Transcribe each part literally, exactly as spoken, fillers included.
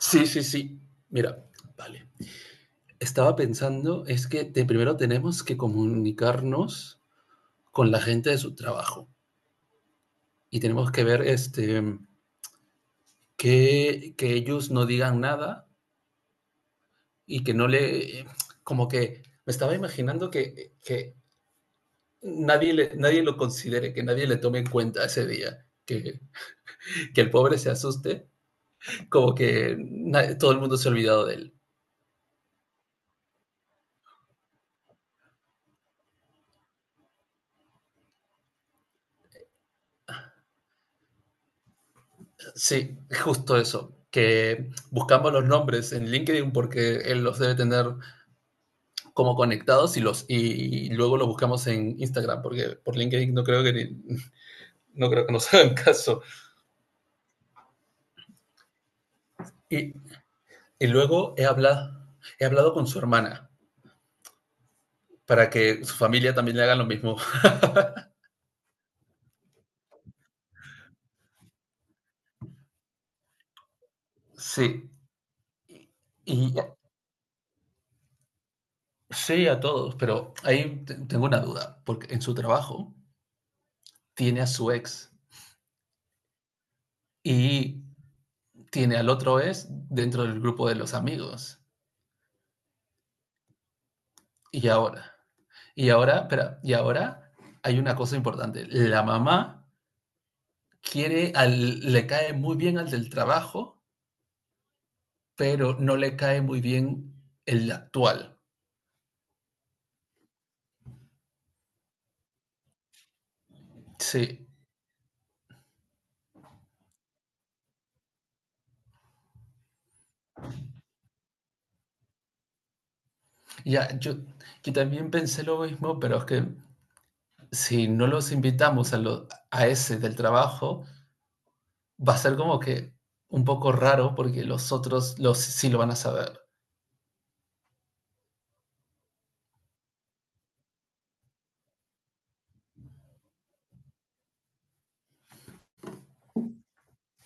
Sí, sí, sí. Mira, vale. Estaba pensando, es que te- primero tenemos que comunicarnos con la gente de su trabajo y tenemos que ver este, que, que ellos no digan nada y que no le... Como que me estaba imaginando que, que nadie, le, nadie lo considere, que nadie le tome en cuenta ese día, que, que el pobre se asuste, como que na- todo el mundo se ha olvidado de él. Sí, justo eso, que buscamos los nombres en LinkedIn porque él los debe tener como conectados y los y, y luego los buscamos en Instagram porque por LinkedIn no creo que ni- no creo que nos hagan caso. Y, y luego he hablado he hablado con su hermana para que su familia también le hagan lo mismo. Sí. Y, y- sí a todos, pero ahí te- tengo una duda, porque en su trabajo tiene a su ex y tiene al otro ex dentro del grupo de los amigos. Y ahora, y ahora, espera, y ahora hay una cosa importante. La mamá quiere, al, le cae muy bien al del trabajo, pero no le cae muy bien el actual. Sí, ya, yo, yo también pensé lo mismo, pero es que si no los invitamos a, lo- a ese del trabajo, va a ser como que un poco raro porque los otros los, sí lo van a saber.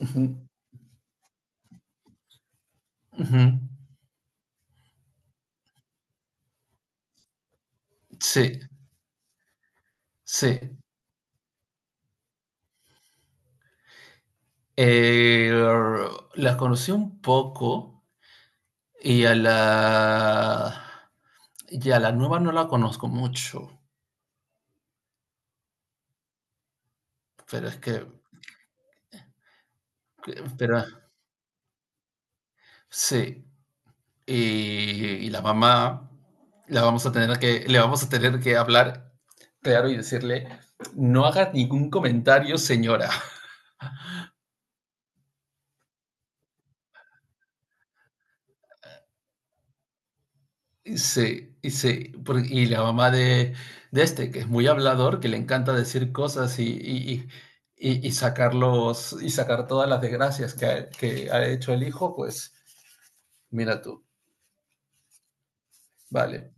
Ujú, ujú. Sí, sí. Eh, las conocí un poco y a la y a la nueva no la conozco mucho, pero es que, que- pero sí, y, y la mamá la vamos a tener que le vamos a tener que hablar claro y decirle no hagas ningún comentario, señora. Y Sí, y sí, por- y la mamá de, de este, que es muy hablador, que le encanta decir cosas y, y, y, y- y sacarlos, y sacar todas las desgracias que ha, que ha hecho el hijo, pues mira tú, vale.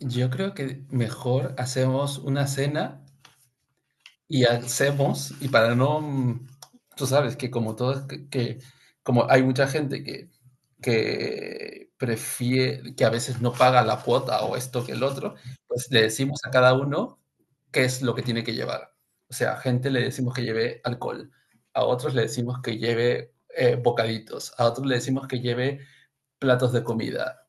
Yo creo que mejor hacemos una cena y hacemos, y para no, mm, tú sabes que como todo, que, que como hay mucha gente que, que prefiere, que a veces no paga la cuota o esto que el otro, pues le decimos a cada uno qué es lo que tiene que llevar. O sea, a gente le decimos que lleve alcohol, a otros le decimos que lleve eh, bocaditos, a otros le decimos que lleve platos de comida.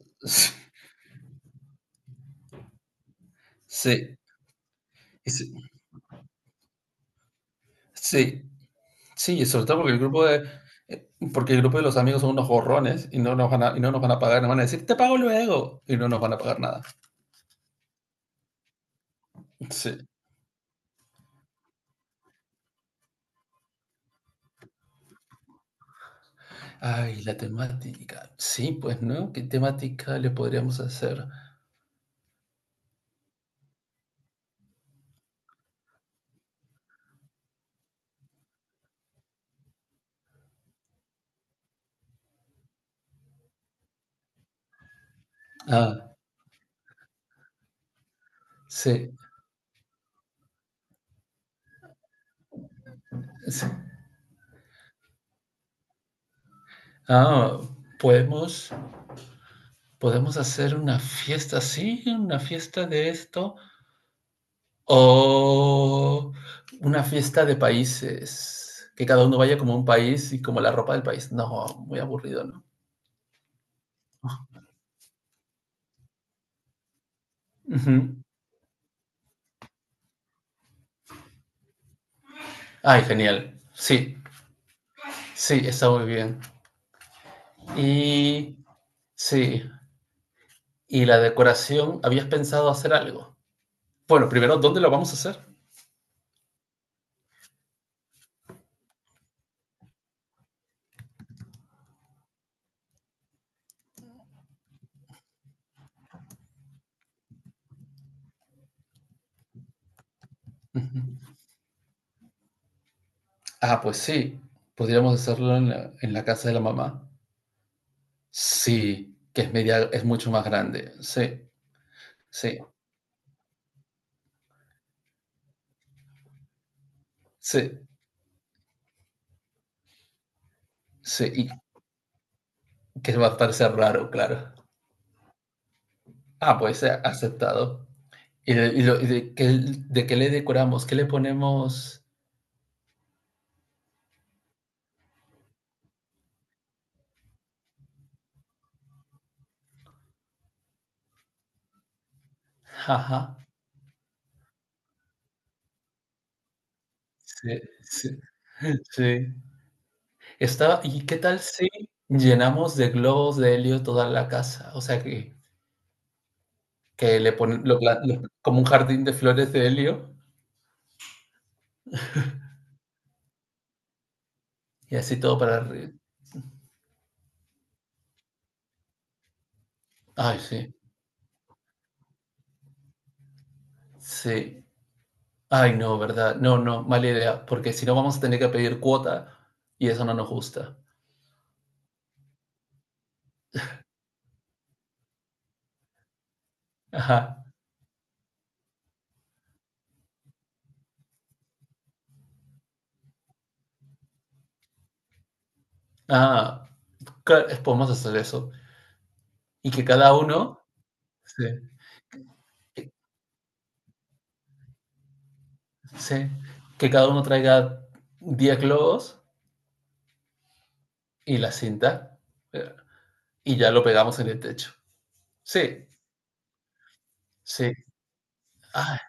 Sí, sí, sí. Sí, sobre todo porque el grupo de, eh, porque el grupo de los amigos son unos gorrones y no nos van a, y no nos van a pagar, nos van a decir, te pago luego, y no nos van a pagar nada. Sí. Ay, la temática. Sí, pues, ¿no? ¿Qué temática le podríamos hacer? Ah, sí, sí. Ah, podemos, podemos hacer una fiesta, sí, una fiesta de esto, o una fiesta de países, que cada uno vaya como un país y como la ropa del país. No, muy aburrido, ¿no? Ujú. Ay, genial. Sí, sí, está muy bien. Y sí, y la decoración, ¿habías pensado hacer algo? Bueno, primero, ¿dónde lo vamos a hacer? Ujú. Ah, pues sí, podríamos hacerlo en la, en la casa de la mamá. Sí, que es media, es mucho más grande. Sí, sí, sí, sí, y que va a parecer raro, claro. Ah, pues eh, aceptado. ¿Y, de, y lo- y de qué, de qué le decoramos? ¿Qué le ponemos? Ajá. Sí, sí. Sí, Estaba ¿y qué tal si llenamos de globos de helio toda la casa? O sea, que que le ponen lo pla lo como un jardín de flores de helio y así todo para arri ay, sí, sí. Ay, no, ¿verdad? No, no, mala idea, porque si no vamos a tener que pedir cuota y eso no nos gusta. Ajá. Ah, cla podemos hacer eso. Y que cada uno sí, que sí, que cada uno traiga diez globos y la cinta, eh, y ya lo pegamos en el techo. Sí, sí. Ah,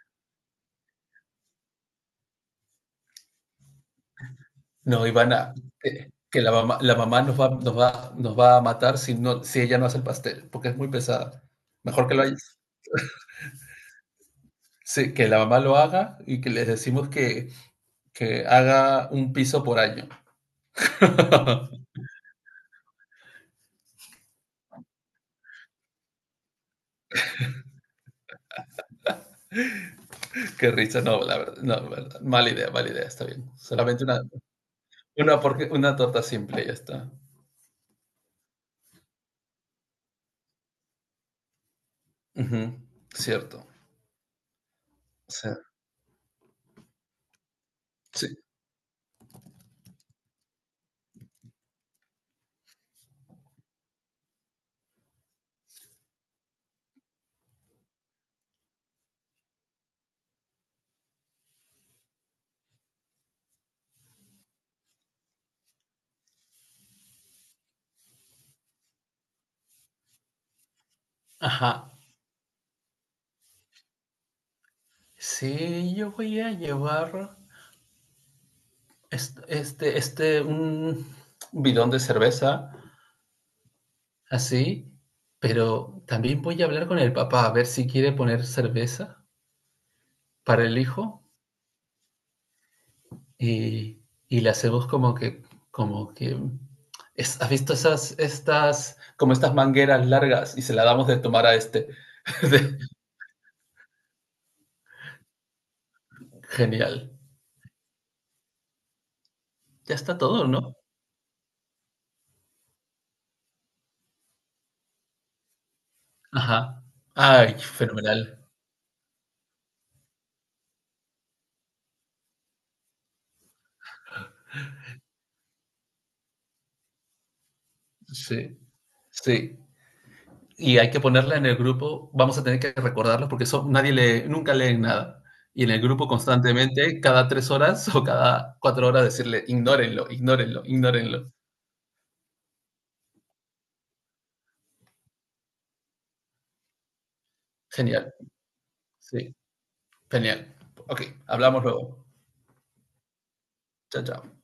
no, Ivana, que, que la mamá, la mamá nos va, nos va, nos va a matar si no, si ella no hace el pastel, porque es muy pesada. Mejor que lo haya- Sí, que la mamá lo haga y que les decimos que, que haga un piso por año. Qué risa, no, la verdad, no, la verdad, mala idea, mala idea, está bien. Solamente una, una, porque, una torta simple, ya está. Ujú, cierto. O sea, sí. Ajá. Sí, yo voy a llevar. Este, este, este, un bidón de cerveza, así, pero también voy a hablar con el papá a ver si quiere poner cerveza para el hijo y, y le hacemos como que, como que, es- ¿has visto esas, estas, como estas mangueras largas y se la damos de tomar a este? Genial. Ya está todo, ¿no? Ajá. Ay, fenomenal. Sí, sí. Y hay que ponerla en el grupo, vamos a tener que recordarlos porque eso, nadie lee, nunca leen nada. Y en el grupo constantemente, cada tres horas o cada cuatro horas, decirle, ignórenlo, ignórenlo, ignórenlo. Genial, sí, genial. Ok, hablamos luego. Chao, chao.